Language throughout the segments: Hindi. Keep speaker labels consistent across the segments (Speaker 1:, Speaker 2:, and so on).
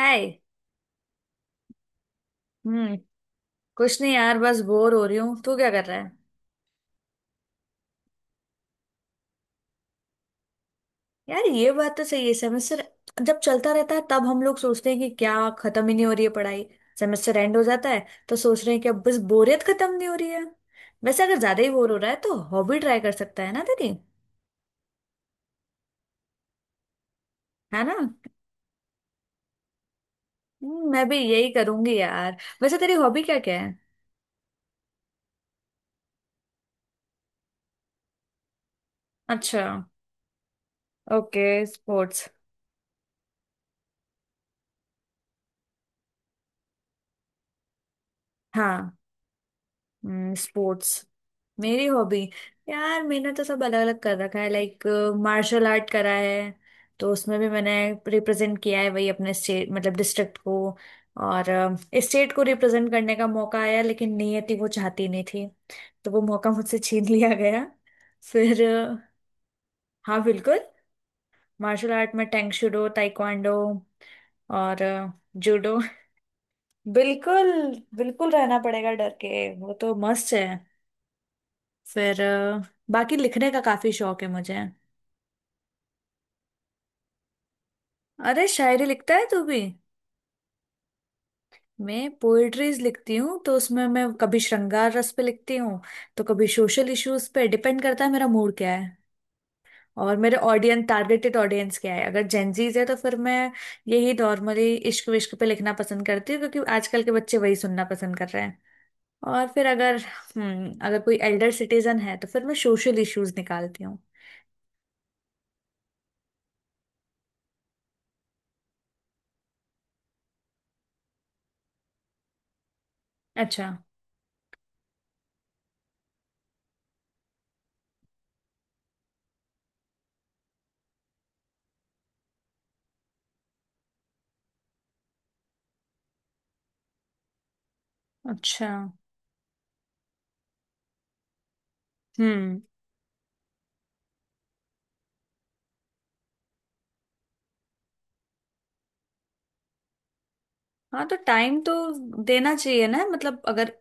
Speaker 1: हाय। हम्म। कुछ नहीं यार, बस बोर हो रही हूँ। तू क्या कर रहा है? यार ये बात तो सही है। सेमेस्टर जब चलता रहता है तब हम लोग सोचते हैं कि क्या खत्म ही नहीं हो रही है पढ़ाई। सेमेस्टर एंड हो जाता है तो सोच रहे हैं कि अब बस बोरियत खत्म नहीं हो रही है। वैसे अगर ज्यादा ही बोर हो रहा है तो हॉबी ट्राई कर सकता है ना तेरी। है ना? मैं भी यही करूंगी यार। वैसे तेरी हॉबी क्या क्या है? अच्छा। Okay, sports. हाँ। स्पोर्ट्स। मेरी हॉबी, यार मैंने तो सब अलग अलग कर रखा है। लाइक मार्शल आर्ट करा है, तो उसमें भी मैंने रिप्रेजेंट किया है वही अपने स्टेट मतलब डिस्ट्रिक्ट को, और स्टेट को रिप्रेजेंट करने का मौका आया लेकिन नियति वो चाहती नहीं थी, तो वो मौका मुझसे छीन लिया गया। फिर हाँ बिल्कुल। मार्शल आर्ट में टैंगशूडो ताइक्वांडो और जूडो। बिल्कुल। बिल्कुल रहना पड़ेगा डर के, वो तो मस्त है। फिर बाकी लिखने का काफी शौक है मुझे। अरे शायरी लिखता है तू भी? मैं पोएट्रीज लिखती हूँ, तो उसमें मैं कभी श्रृंगार रस पे लिखती हूँ तो कभी सोशल इश्यूज पे। डिपेंड करता है मेरा मूड क्या है और मेरे ऑडियंस, टारगेटेड ऑडियंस क्या है। अगर जेंजीज है तो फिर मैं यही नॉर्मली इश्क विश्क पे लिखना पसंद करती हूँ, क्योंकि आजकल के बच्चे वही सुनना पसंद कर रहे हैं। और फिर अगर अगर कोई एल्डर सिटीजन है तो फिर मैं सोशल इश्यूज निकालती हूँ। अच्छा। अच्छा। हम्म। हाँ, तो टाइम तो देना चाहिए ना। मतलब अगर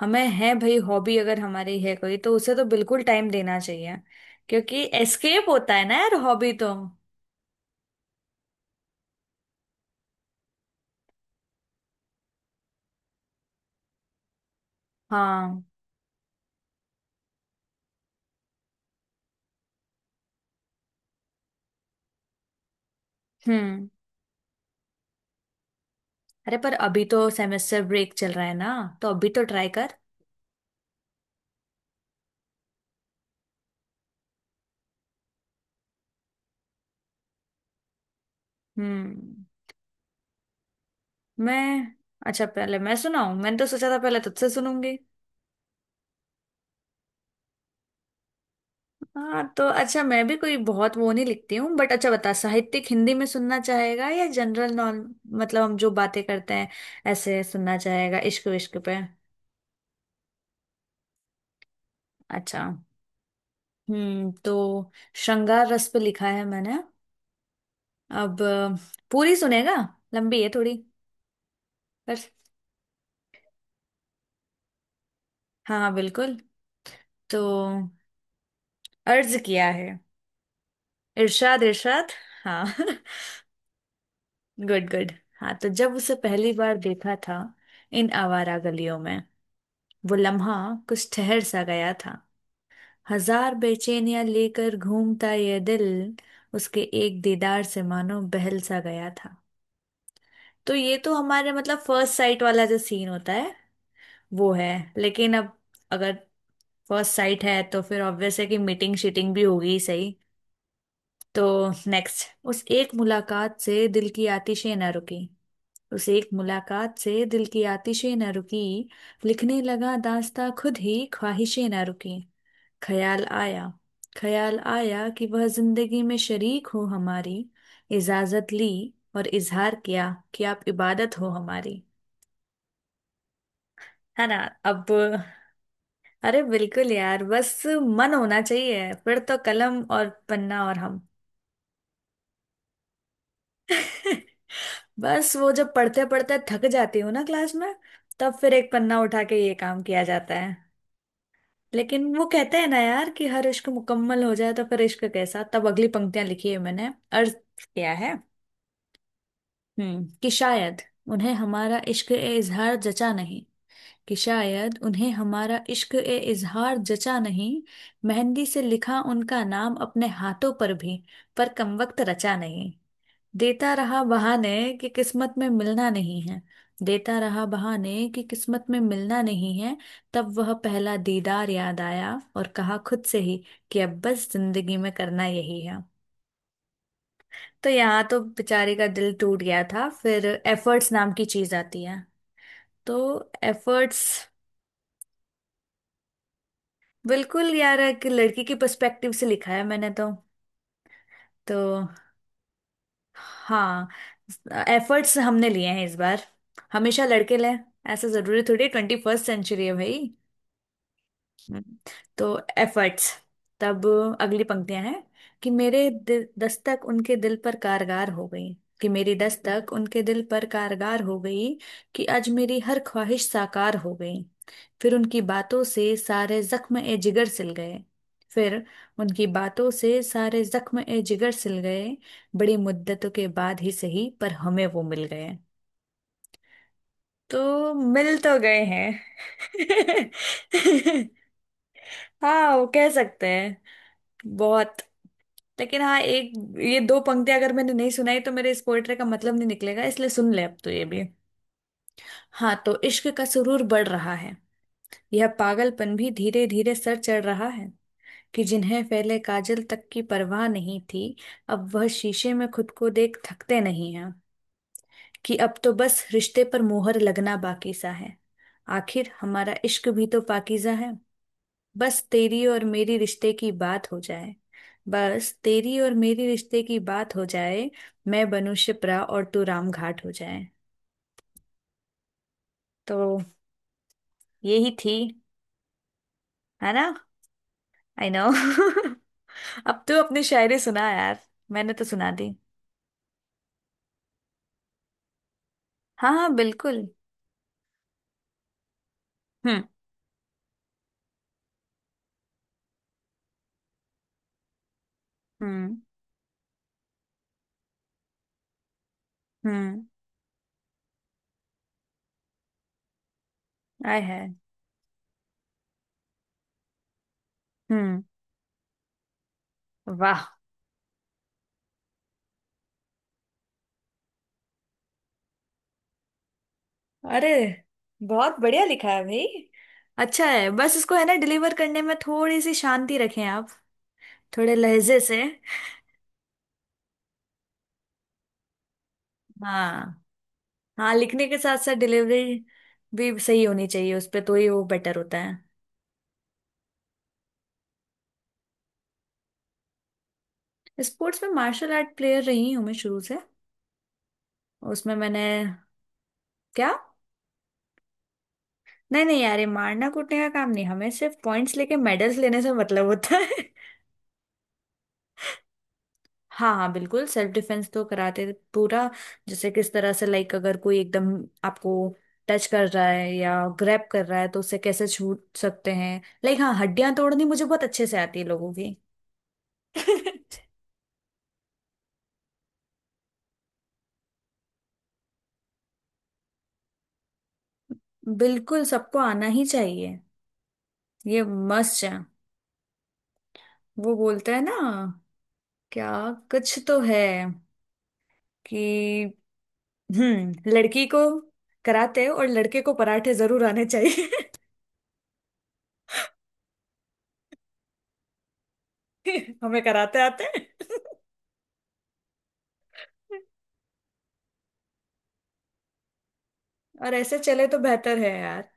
Speaker 1: हमें है भाई, हॉबी अगर हमारी है कोई तो उसे तो बिल्कुल टाइम देना चाहिए, क्योंकि एस्केप होता है ना यार हॉबी तो। हाँ। हम्म। अरे पर अभी तो सेमेस्टर ब्रेक चल रहा है ना, तो अभी तो ट्राई कर। हम्म। मैं, अच्छा पहले मैं सुनाऊं? मैंने तो सोचा था पहले तुझसे सुनूंगी। हाँ तो अच्छा, मैं भी कोई बहुत वो नहीं लिखती हूँ बट अच्छा बता, साहित्यिक हिंदी में सुनना चाहेगा या जनरल नॉन मतलब हम जो बातें करते हैं ऐसे सुनना चाहेगा इश्क विश्क पे? अच्छा। हम्म, तो श्रृंगार रस पे लिखा है मैंने। अब पूरी सुनेगा? लंबी है थोड़ी। पर हाँ हाँ बिल्कुल। तो अर्ज किया है। इरशाद इरशाद। हाँ। Good good. हाँ, तो जब उसे पहली बार देखा था इन आवारा गलियों में, वो लम्हा कुछ ठहर सा गया था। हजार बेचैनियां लेकर घूमता ये दिल, उसके एक दीदार से मानो बहल सा गया था। तो ये तो हमारे मतलब फर्स्ट साइट वाला जो सीन होता है वो है। लेकिन अब, अगर फर्स्ट साइट है तो फिर ऑब्वियस है कि मीटिंग शीटिंग भी होगी सही? तो नेक्स्ट, उस एक मुलाकात से दिल की आतिशें न रुकी, उस एक मुलाकात से दिल की आतिशें न रुकी, लिखने लगा दास्तां खुद ही ख्वाहिशें न रुकी। ख्याल आया, ख्याल आया कि वह जिंदगी में शरीक हो हमारी, इजाजत ली और इजहार किया कि आप इबादत हो हमारी। है ना? अब, अरे बिल्कुल यार, बस मन होना चाहिए फिर तो कलम और पन्ना और हम। बस वो जब पढ़ते पढ़ते थक जाती हूँ ना क्लास में, तब फिर एक पन्ना उठा के ये काम किया जाता है। लेकिन वो कहते हैं ना यार कि हर इश्क मुकम्मल हो जाए तो फिर इश्क कैसा। तब अगली पंक्तियां लिखी है मैंने। अर्थ क्या है? कि शायद उन्हें हमारा इश्क ए इजहार जचा नहीं, कि शायद उन्हें हमारा इश्क ए इजहार जचा नहीं, मेहंदी से लिखा उनका नाम अपने हाथों पर भी पर कमबख्त रचा नहीं। देता रहा बहाने कि किस्मत में मिलना नहीं है, देता रहा बहाने कि किस्मत में मिलना नहीं है। तब वह पहला दीदार याद आया और कहा खुद से ही कि अब बस जिंदगी में करना यही है। तो यहाँ तो बेचारे का दिल टूट गया था। फिर एफर्ट्स नाम की चीज आती है। तो एफर्ट्स, बिल्कुल यार एक लड़की के पर्सपेक्टिव से लिखा है मैंने तो। तो हाँ, एफर्ट्स हमने लिए हैं इस बार। हमेशा लड़के लें, ऐसा जरूरी थोड़ी। 21st सेंचुरी है भाई। हम्म, तो एफर्ट्स, तब अगली पंक्तियां हैं। कि मेरे दिल दस्तक उनके दिल पर कारगर हो गई, कि मेरी दस्तक उनके दिल पर कारगर हो गई, कि आज मेरी हर ख्वाहिश साकार हो गई। फिर उनकी बातों से सारे जख्म ए जिगर सिल गए, फिर उनकी बातों से सारे जख्म ए जिगर सिल गए, बड़ी मुद्दतों के बाद ही सही पर हमें वो मिल गए। तो मिल तो गए हैं। हाँ, वो कह सकते हैं। बहुत, लेकिन हाँ एक, ये दो पंक्तियां अगर मैंने नहीं सुनाई तो मेरे इस पोएट्री का मतलब नहीं निकलेगा, इसलिए सुन ले अब तो ये भी। हाँ, तो इश्क का सुरूर बढ़ रहा है, यह पागलपन भी धीरे धीरे सर चढ़ रहा है। कि जिन्हें पहले काजल तक की परवाह नहीं थी अब वह शीशे में खुद को देख थकते नहीं। कि अब तो बस रिश्ते पर मोहर लगना बाकी सा है, आखिर हमारा इश्क भी तो पाकीज़ा है। बस तेरी और मेरी रिश्ते की बात हो जाए, बस तेरी और मेरी रिश्ते की बात हो जाए, मैं बनूं शिप्रा और तू रामघाट हो जाए। तो यही थी। है ना? आई नो अब तो अपनी शायरी सुना यार। मैंने तो सुना दी। हाँ हाँ बिल्कुल। हम्म। हम्म। हम्म। आई है। हम्म। वाह। अरे बहुत बढ़िया लिखा है भाई। अच्छा है, बस इसको है ना डिलीवर करने में थोड़ी सी शांति रखें आप, थोड़े लहजे से। हाँ। हाँ, लिखने के साथ साथ डिलीवरी भी सही होनी चाहिए, उस पे तो ही वो बेटर होता है। स्पोर्ट्स में मार्शल आर्ट प्लेयर रही हूँ मैं शुरू से। उसमें मैंने। क्या? नहीं नहीं यार, ये मारना कूटने का काम नहीं। हमें सिर्फ पॉइंट्स लेके मेडल्स लेने से मतलब होता है। हाँ हाँ बिल्कुल, सेल्फ डिफेंस तो कराते थे पूरा। जैसे किस तरह से, लाइक अगर कोई एकदम आपको टच कर रहा है या ग्रैब कर रहा है तो उससे कैसे छूट सकते हैं। लाइक हाँ, हड्डियां तोड़नी मुझे बहुत अच्छे से आती है लोगों की। बिल्कुल, सबको आना ही चाहिए। ये मस्ट है। वो बोलता है ना? क्या? कुछ तो है कि लड़की को कराते और लड़के को पराठे जरूर आने चाहिए। हमें कराते आते हैं। और ऐसे चले तो बेहतर है यार।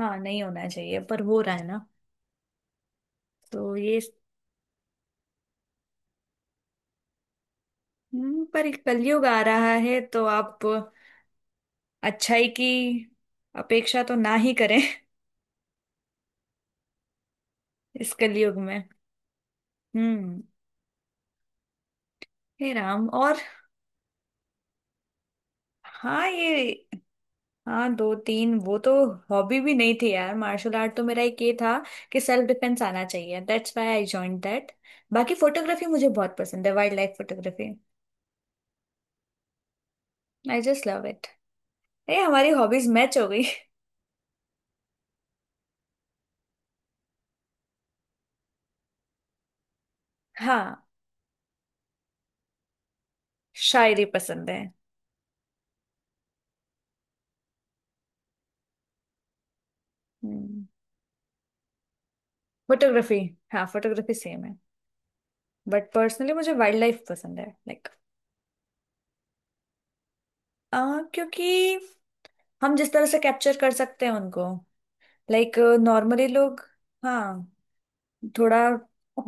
Speaker 1: हाँ नहीं होना चाहिए, पर हो रहा है ना। तो ये। पर कलयुग आ रहा है तो आप अच्छाई की अपेक्षा तो ना ही करें इस कलयुग में। हम्म। हे राम। और हाँ ये। हाँ, दो तीन वो तो हॉबी भी नहीं थी यार। मार्शल आर्ट तो मेरा एक ये था कि सेल्फ डिफेंस आना चाहिए। That's why I join that. बाकी फोटोग्राफी मुझे बहुत पसंद है, wild life photography. I just love it. ये हमारी हॉबीज मैच हो गई। हाँ। शायरी पसंद है। फोटोग्राफी। हाँ, फोटोग्राफी सेम है बट पर्सनली मुझे वाइल्ड लाइफ पसंद है। लाइक क्योंकि हम जिस तरह से कैप्चर कर सकते हैं उनको, लाइक नॉर्मली लोग। हाँ, थोड़ा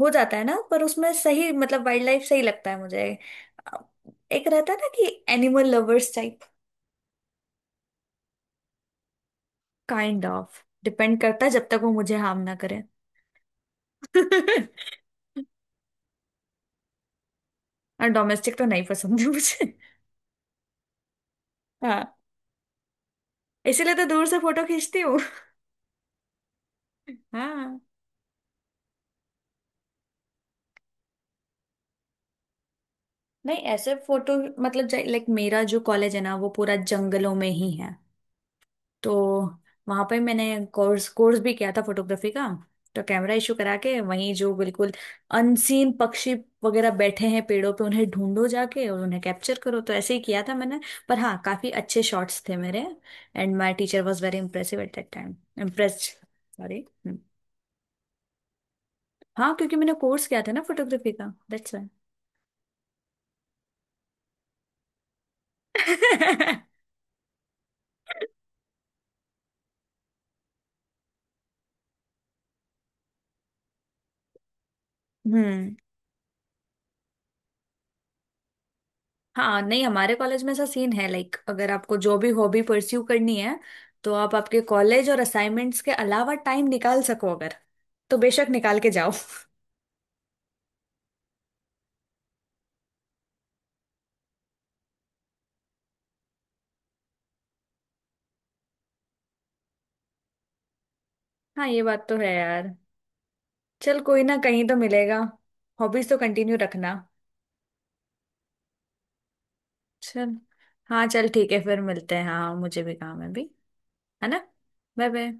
Speaker 1: हो जाता है ना, पर उसमें सही मतलब वाइल्ड लाइफ सही लगता है मुझे। अ, एक रहता है ना कि animal lovers type. Kind of depend करता है जब तक वो मुझे हार्म ना करे। और डोमेस्टिक तो नहीं पसंद है मुझे। हाँ। इसीलिए तो दूर से फोटो खींचती हूँ। हाँ नहीं, ऐसे फोटो मतलब लाइक मेरा जो कॉलेज है ना वो पूरा जंगलों में ही है। तो वहां पर मैंने कोर्स कोर्स भी किया था फोटोग्राफी का। तो कैमरा इशू करा के, वहीं जो बिल्कुल अनसीन पक्षी वगैरह बैठे हैं पेड़ों पे उन्हें ढूंढो जाके और उन्हें कैप्चर करो, तो ऐसे ही किया था मैंने। पर हाँ, काफी अच्छे शॉट्स थे मेरे। And my teacher was very impressive at that time. Impressed sorry. हाँ, क्योंकि मैंने कोर्स किया था ना फोटोग्राफी का, दैट्स वाई। हम्म। हाँ नहीं हमारे कॉलेज में ऐसा सीन है, लाइक अगर आपको जो भी हॉबी परस्यू करनी है तो आप आपके कॉलेज और असाइनमेंट्स के अलावा टाइम निकाल सको अगर, तो बेशक निकाल के जाओ। हाँ ये बात तो है यार। चल कोई ना, कहीं तो मिलेगा। हॉबीज तो कंटिन्यू रखना। चल हाँ, चल ठीक है फिर मिलते हैं। हाँ मुझे भी काम है अभी। है ना? Bye bye.